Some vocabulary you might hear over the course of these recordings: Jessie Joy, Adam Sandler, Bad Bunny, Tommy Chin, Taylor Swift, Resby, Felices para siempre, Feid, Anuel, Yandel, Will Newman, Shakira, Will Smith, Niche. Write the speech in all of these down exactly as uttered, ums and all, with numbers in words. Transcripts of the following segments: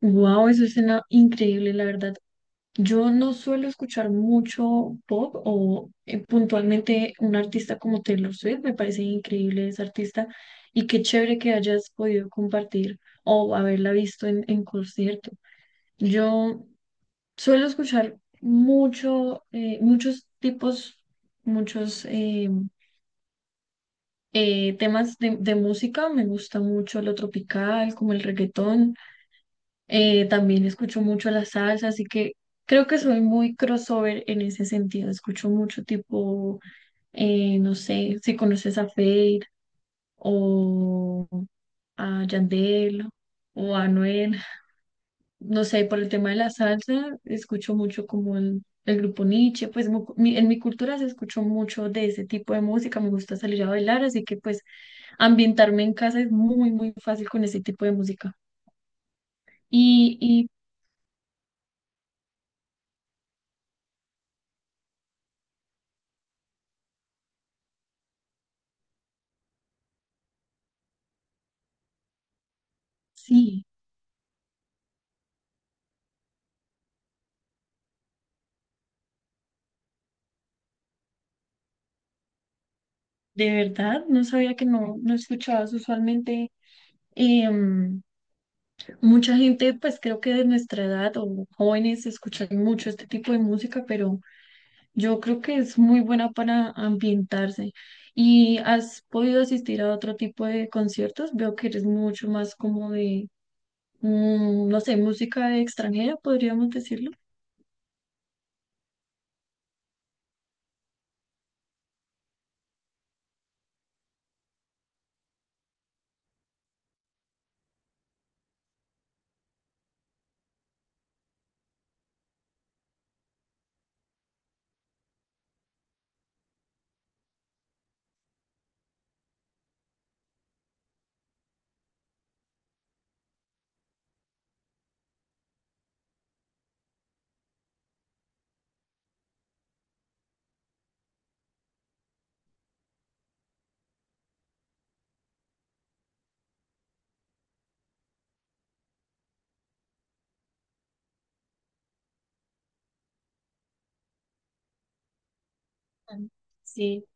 Wow, eso suena increíble, la verdad. Yo no suelo escuchar mucho pop o eh, puntualmente un artista como Taylor Swift. Me parece increíble ese artista y qué chévere que hayas podido compartir o haberla visto en, en concierto. Yo suelo escuchar mucho, eh, muchos tipos, muchos eh, eh, temas de, de música. Me gusta mucho lo tropical, como el reggaetón. Eh, también escucho mucho la salsa, así que creo que soy muy crossover en ese sentido. Escucho mucho tipo, eh, no sé, si conoces a Feid o a Yandel o a Anuel. No sé, por el tema de la salsa, escucho mucho como el, el grupo Niche, pues mu- mi- en mi cultura se escuchó mucho de ese tipo de música. Me gusta salir a bailar, así que pues ambientarme en casa es muy, muy fácil con ese tipo de música. Y, y sí. De verdad, no sabía que no, no escuchabas usualmente. em, Mucha gente, pues creo que de nuestra edad o jóvenes, escuchan mucho este tipo de música, pero yo creo que es muy buena para ambientarse. ¿Y has podido asistir a otro tipo de conciertos? Veo que eres mucho más como de, mm, no sé, música extranjera, podríamos decirlo. Sí,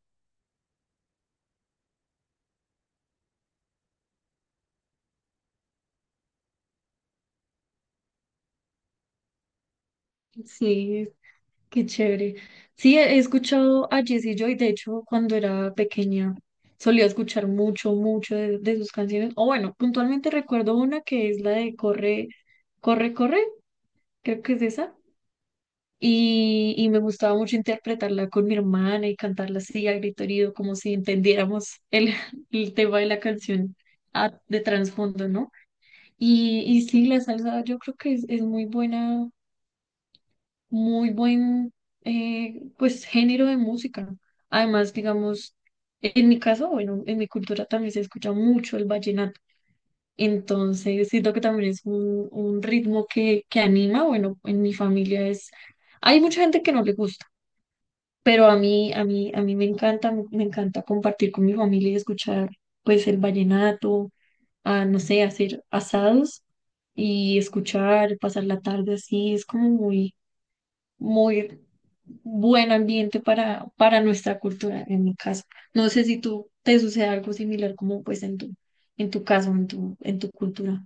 sí. Qué chévere. Sí, he he escuchado a Jessie Joy. De hecho, cuando era pequeña solía escuchar mucho, mucho de, de sus canciones. O bueno, puntualmente recuerdo una que es la de Corre, Corre, Corre, creo que es esa. Y, y me gustaba mucho interpretarla con mi hermana y cantarla así a grito herido, como si entendiéramos el, el tema de la canción a- de trasfondo, ¿no? Y, y sí, la salsa yo creo que es, es muy buena, muy buen eh, pues género de música. Además, digamos, en mi caso, bueno, en mi cultura también se escucha mucho el vallenato. Entonces, siento que también es un, un ritmo que, que anima. Bueno, en mi familia es, hay mucha gente que no le gusta, pero a mí, a mí, a mí me encanta, me, me encanta compartir con mi familia y escuchar pues el vallenato, a, no sé, hacer asados y escuchar, pasar la tarde así. Es como muy, muy buen ambiente para, para nuestra cultura en mi caso. No sé si tú te sucede algo similar como pues en tu, en tu caso, en tu, en tu cultura.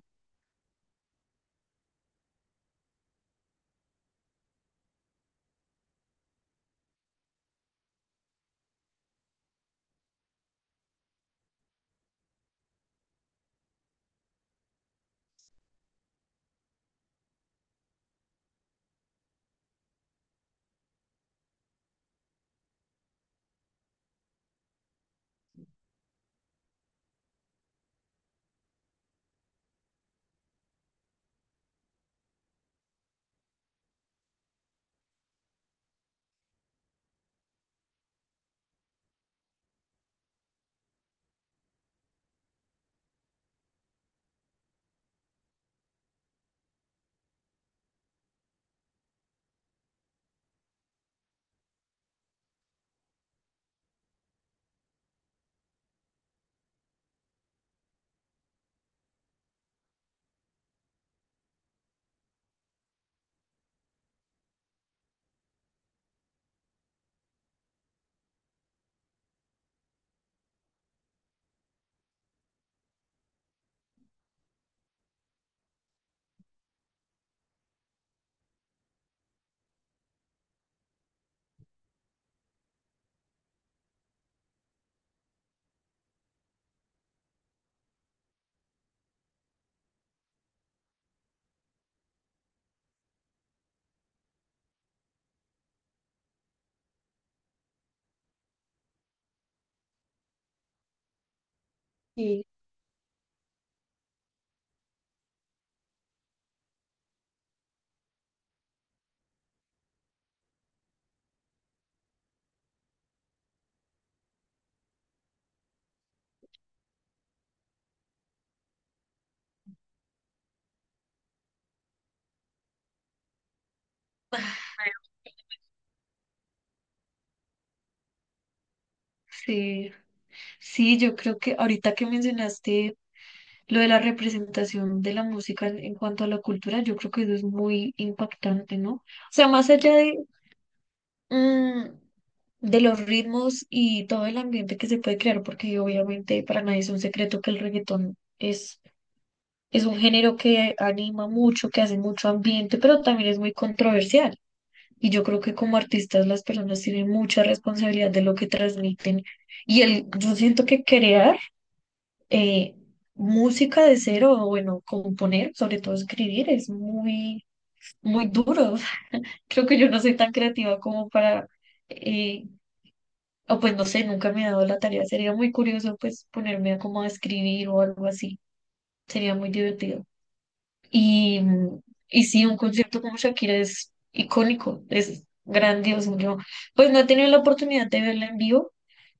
Sí, sí, sí, yo creo que ahorita que mencionaste lo de la representación de la música en, en cuanto a la cultura, yo creo que eso es muy impactante, ¿no? O sea, más allá de, mm, de los ritmos y todo el ambiente que se puede crear, porque obviamente para nadie es un secreto que el reggaetón es. Es un género que anima mucho, que hace mucho ambiente, pero también es muy controversial. Y yo creo que como artistas, las personas tienen mucha responsabilidad de lo que transmiten. Y el, yo siento que crear eh, música de cero, o bueno, componer, sobre todo escribir, es muy, muy duro. Creo que yo no soy tan creativa como para, eh, o pues no sé, nunca me he dado la tarea. Sería muy curioso pues ponerme a como a escribir o algo así. Sería muy divertido. Y, y sí, un concierto como Shakira es icónico, es grandioso. Yo, pues no he tenido la oportunidad de verla en vivo,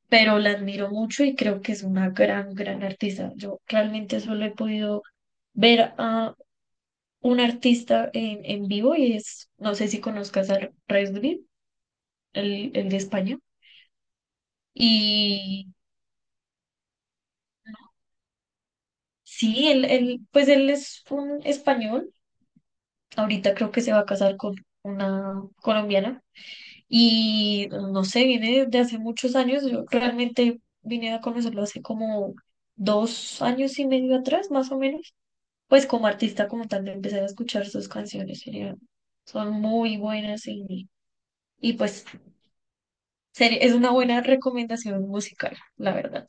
pero la admiro mucho y creo que es una gran, gran artista. Yo realmente solo he podido ver a un artista en, en vivo y es, no sé si conozcas a Resby, el, el de España. Y sí, él, él, pues él es un español. Ahorita creo que se va a casar con una colombiana. Y no sé, viene de hace muchos años. Yo realmente vine a conocerlo hace como dos años y medio atrás, más o menos. Pues como artista, como tal, empecé a escuchar sus canciones. eh, Son muy buenas y, y pues seri- es una buena recomendación musical, la verdad.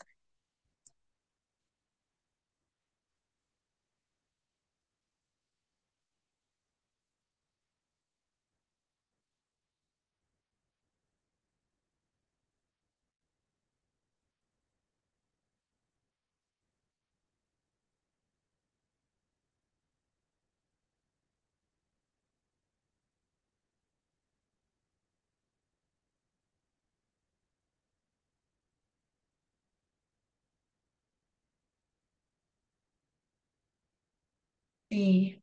Y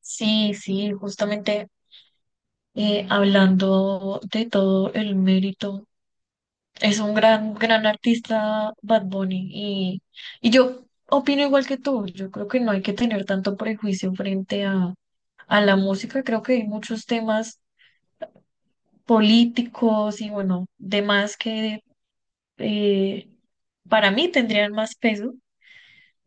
sí, sí, justamente eh, hablando de todo el mérito, es un gran, gran artista Bad Bunny. Y, y yo opino igual que tú. Yo creo que no hay que tener tanto prejuicio frente a, a la música. Creo que hay muchos temas políticos y bueno, demás que eh, para mí tendrían más peso,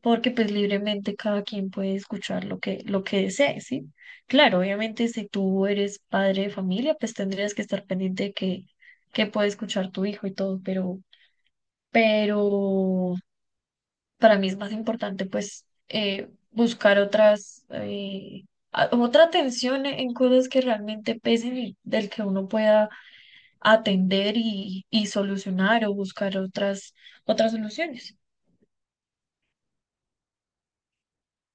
porque pues libremente cada quien puede escuchar lo que, lo que desee, ¿sí? Claro, obviamente si tú eres padre de familia, pues tendrías que estar pendiente de que, que puede escuchar tu hijo y todo, pero... Pero para mí es más importante pues eh, buscar otras, eh, a- otra atención en cosas que realmente pesen y del que uno pueda atender y, y solucionar o buscar otras, otras soluciones.